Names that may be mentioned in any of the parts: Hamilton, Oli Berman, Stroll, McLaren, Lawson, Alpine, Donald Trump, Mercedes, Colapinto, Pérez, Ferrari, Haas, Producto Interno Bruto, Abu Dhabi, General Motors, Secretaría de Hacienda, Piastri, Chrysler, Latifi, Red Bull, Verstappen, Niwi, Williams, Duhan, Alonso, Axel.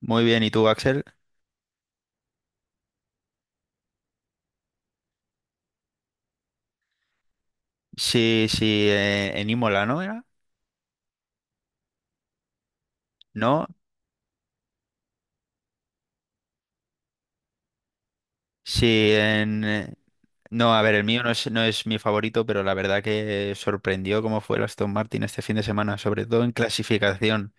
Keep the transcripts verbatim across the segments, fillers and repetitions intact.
Muy bien, ¿y tú, Axel? Sí, sí, eh, en Imola, ¿no era? No, sí, en... eh, No, a ver, el mío no es, no es mi favorito, pero la verdad que eh, sorprendió cómo fue el Aston Martin este fin de semana, sobre todo en clasificación.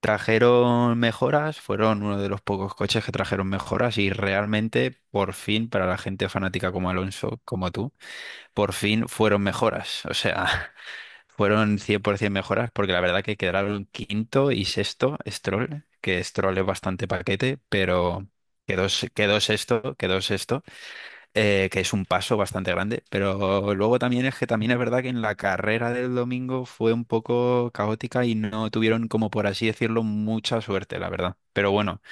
Trajeron mejoras, fueron uno de los pocos coches que trajeron mejoras y realmente, por fin, para la gente fanática como Alonso, como tú, por fin fueron mejoras. O sea, fueron cien por ciento mejoras, porque la verdad que quedaron quinto y sexto Stroll, que Stroll es bastante paquete, pero quedó, se- quedó sexto, quedó sexto, eh, que es un paso bastante grande. Pero luego también es que también es verdad que en la carrera del domingo fue un poco caótica y no tuvieron, como por así decirlo, mucha suerte, la verdad. Pero bueno,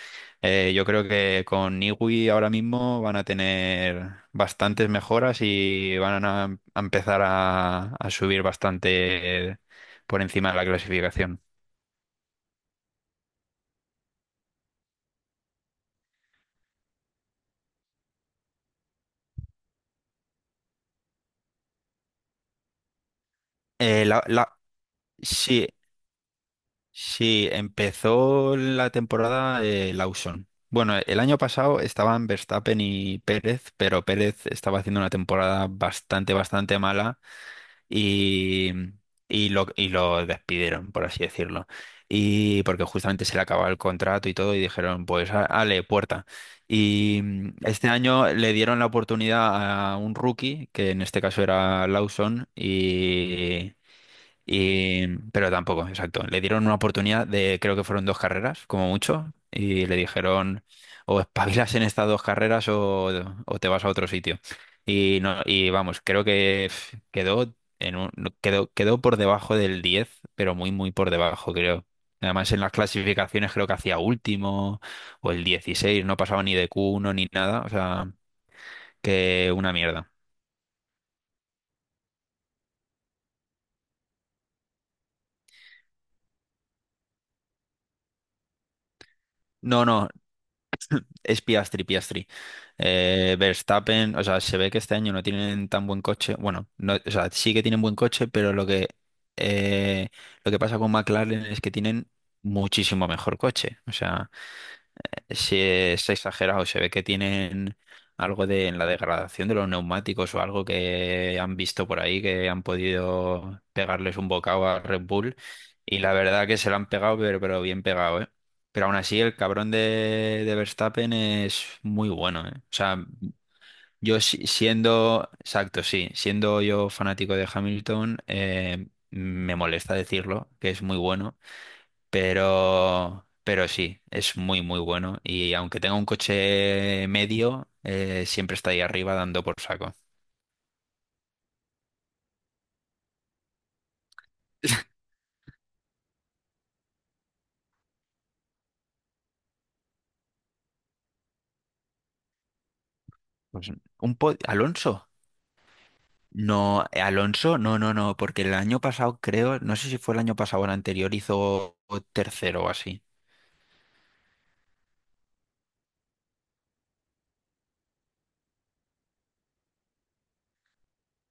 eh, yo creo que con Niwi ahora mismo van a tener bastantes mejoras y van a, em- a empezar a, a subir bastante eh, por encima de la clasificación. Eh, la, la- sí, sí, empezó la temporada eh, Lawson. Bueno, el año pasado estaban Verstappen y Pérez, pero Pérez estaba haciendo una temporada bastante, bastante mala y, y lo, y lo despidieron, por así decirlo. Y porque justamente se le acababa el contrato y todo, y dijeron, pues, a- ale, puerta. Y mm, este año le dieron la oportunidad a un rookie, que en este caso era Lawson, y, pero tampoco, exacto. Le dieron una oportunidad de, creo que fueron dos carreras, como mucho, y le dijeron, o espabilas en estas dos carreras o, o te vas a otro sitio. Y, no, y vamos, creo que pf, quedó, en un- no, quedó, quedó por debajo del diez pero muy, muy por debajo, creo. Además, en las clasificaciones creo que hacía último o el dieciséis, no pasaba ni de q uno ni nada, o sea, que una mierda. No, no, Es Piastri, Piastri. Eh, Verstappen, o sea, se ve que este año no tienen tan buen coche. Bueno, no, o sea, sí que tienen buen coche, pero lo que, eh, lo que pasa con McLaren es que tienen muchísimo mejor coche. O sea, se, se exagera o se ve que tienen algo de en la degradación de los neumáticos o algo que han visto por ahí que han podido pegarles un bocado a Red Bull y la verdad que se lo han pegado pero, pero bien pegado, ¿eh? Pero aún así el cabrón de, de Verstappen es muy bueno, ¿eh? O sea, yo si- siendo, exacto, sí, siendo yo fanático de Hamilton, eh, me molesta decirlo, que es muy bueno pero, pero sí, es muy, muy bueno. Y aunque tenga un coche medio, eh, siempre está ahí arriba dando por saco. Pues un po- Alonso. No, eh, Alonso, no, no, no, porque el año pasado creo, no sé si fue el año pasado o el anterior, hizo tercero o así.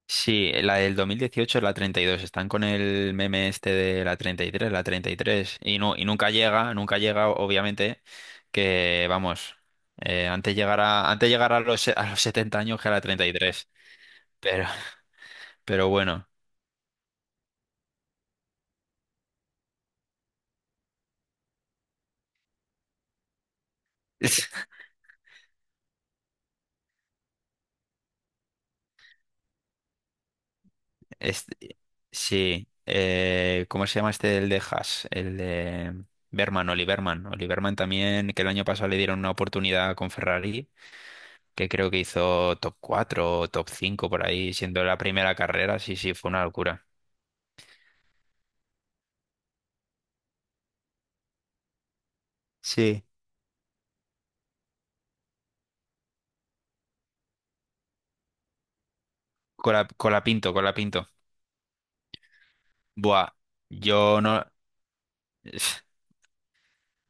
Sí, la del dos mil dieciocho es la treinta y dos. Están con el meme este de la treinta y tres, la treinta y tres. Y, tres. Y, no, y nunca llega, nunca llega, obviamente, que vamos, eh, antes llegar a, antes llegar a los, se- a los setenta años que a la treinta y tres. Pero, pero bueno. Es- sí. Eh, ¿cómo se llama este el de Haas? El de Berman, Oli Berman. Oli también, que el año pasado le dieron una oportunidad con Ferrari que creo que hizo top cuatro o top cinco por ahí, siendo la primera carrera, sí, sí, fue una locura. Sí, Cola, cola pinto, cola pinto. Buah, yo no.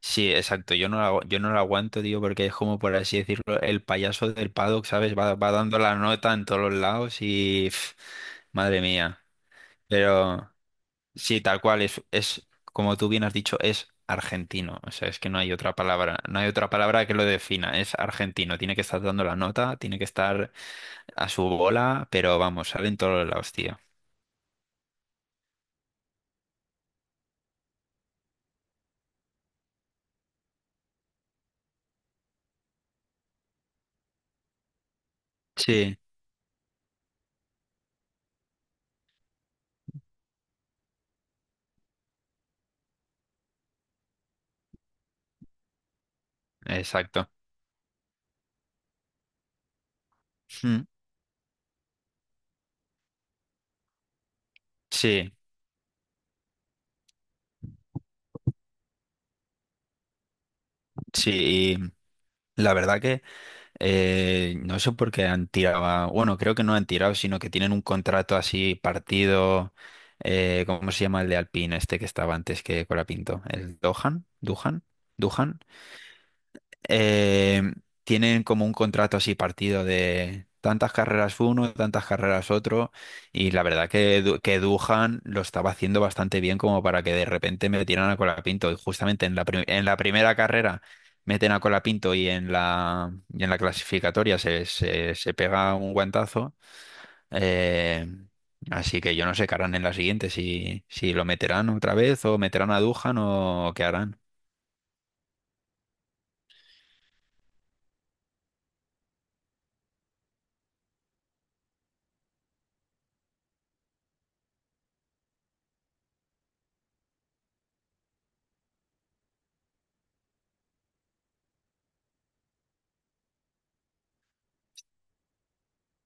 Sí, exacto, yo no la, agu- yo no la aguanto, tío, porque es como, por así decirlo, el payaso del paddock, ¿sabes? Va, va dando la nota en todos los lados y. Madre mía. Pero. Sí, tal cual, es, es, como tú bien has dicho, es argentino. O sea, es que no hay otra palabra, no hay otra palabra que lo defina. Es argentino. Tiene que estar dando la nota, tiene que estar a su bola, pero vamos, sale en todos los lados, tío. Sí, exacto. Mm, sí, sí. Y la verdad que eh, no sé por qué han tirado, a- bueno, creo que no han tirado, sino que tienen un contrato así partido. Eh, ¿cómo se llama el de Alpine este que estaba antes que Colapinto? ¿El Dohan? ¿Duhan? ¿Duhan? eh, Tienen como un contrato así partido de tantas carreras uno, tantas carreras otro, y la verdad que, Du- que Duhan lo estaba haciendo bastante bien como para que de repente metieran a Colapinto, y justamente en la, pri- en la primera carrera meten a Colapinto y en la, y en la clasificatoria se, se, se pega un guantazo. eh, Así que yo no sé qué harán en la siguiente, si, si lo meterán otra vez o meterán a Duhan o qué harán.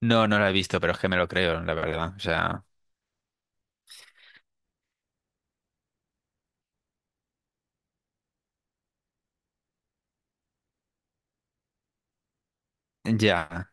No, no la he visto, pero es que me lo creo, la verdad. O sea, ya,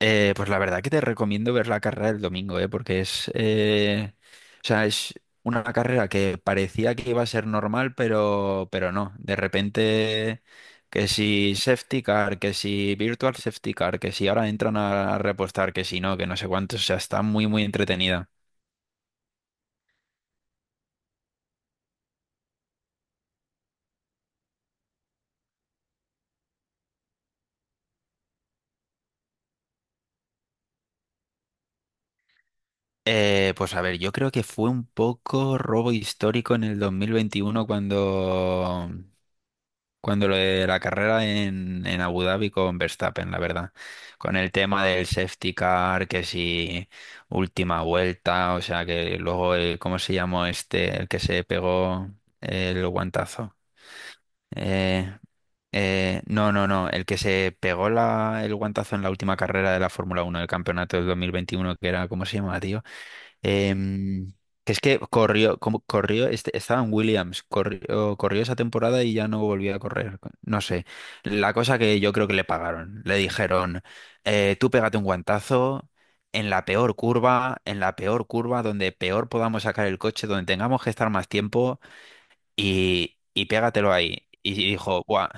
eh, pues la verdad que te recomiendo ver la carrera del domingo, eh, porque es, eh, o sea, es una carrera que parecía que iba a ser normal, pero, pero no. De repente, que si safety car, que si virtual safety car, que si ahora entran a repostar, que si no, que no sé cuántos, o sea, está muy, muy entretenida. Eh, pues a ver, yo creo que fue un poco robo histórico en el dos mil veintiuno cuando cuando lo de la carrera en, en Abu Dhabi con Verstappen, la verdad. Con el tema del safety car, que si última vuelta, o sea, que luego, el, ¿cómo se llamó este, el que se pegó el guantazo? Eh, eh, no, no, no, el que se pegó la, el guantazo en la última carrera de la Fórmula Uno del campeonato del dos mil veintiuno, que era, ¿cómo se llama, tío? Em, que es que corrió, como corrió, este, estaba en Williams, corrió, corrió esa temporada y ya no volvió a correr. No sé. La cosa que yo creo que le pagaron. Le dijeron, eh, tú pégate un guantazo en la peor curva, en la peor curva, donde peor podamos sacar el coche, donde tengamos que estar más tiempo y, y pégatelo ahí. Y dijo, buah.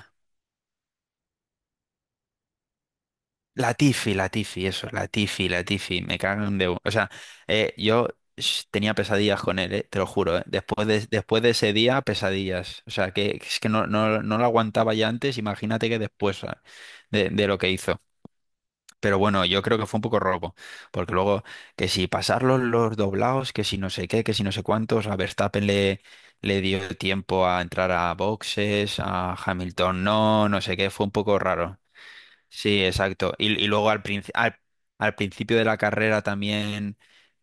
Latifi, Latifi, eso, Latifi, Latifi, me cagan de... bu- O sea, eh, yo sh- tenía pesadillas con él, ¿eh? Te lo juro, ¿eh? Después de, después de ese día, pesadillas. O sea, que es que no, no, no lo aguantaba ya antes, imagínate que después ah, de, de lo que hizo. Pero bueno, yo creo que fue un poco robo, porque luego que si pasar los, los doblados, que si no sé qué, que si no sé cuántos, a Verstappen le, le dio el tiempo a entrar a boxes, a Hamilton no, no sé qué, fue un poco raro. Sí, exacto. Y, y luego al, princi- al, al principio de la carrera también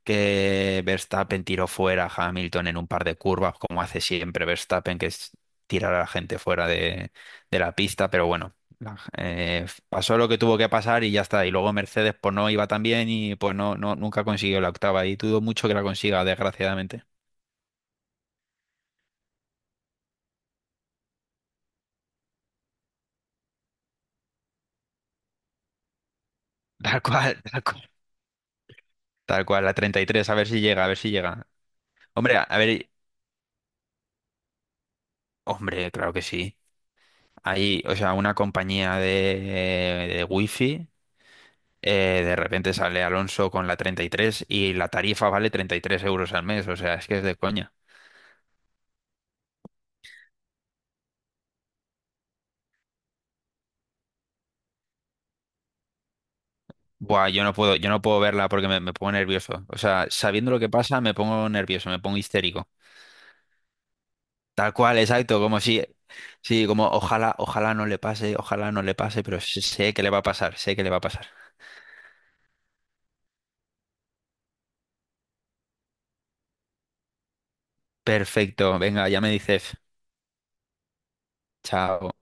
que Verstappen tiró fuera a Hamilton en un par de curvas, como hace siempre Verstappen, que es tirar a la gente fuera de, de la pista, pero bueno, la- eh, pasó lo que tuvo que pasar y ya está. Y luego Mercedes pues no iba tan bien y pues no, no, nunca consiguió la octava y dudo mucho que la consiga, desgraciadamente. Tal cual, tal cual. Tal cual, la treinta y tres, a ver si llega, a ver si llega. Hombre, a a ver, hombre, claro que sí. Ahí, o sea, una compañía de, de wifi, eh, de repente sale Alonso con la treinta y tres y tres y la tarifa vale treinta y tres euros al mes, o sea, es que es de coña. Buah, yo no puedo, yo no puedo verla porque me, me pongo nervioso. O sea, sabiendo lo que pasa, me pongo nervioso, me pongo histérico. Tal cual, exacto, como si, sí, como ojalá, ojalá no le pase, ojalá no le pase, pero sé sé que le va a pasar, sé que le va a pasar. Perfecto, venga, ya me dices, chao.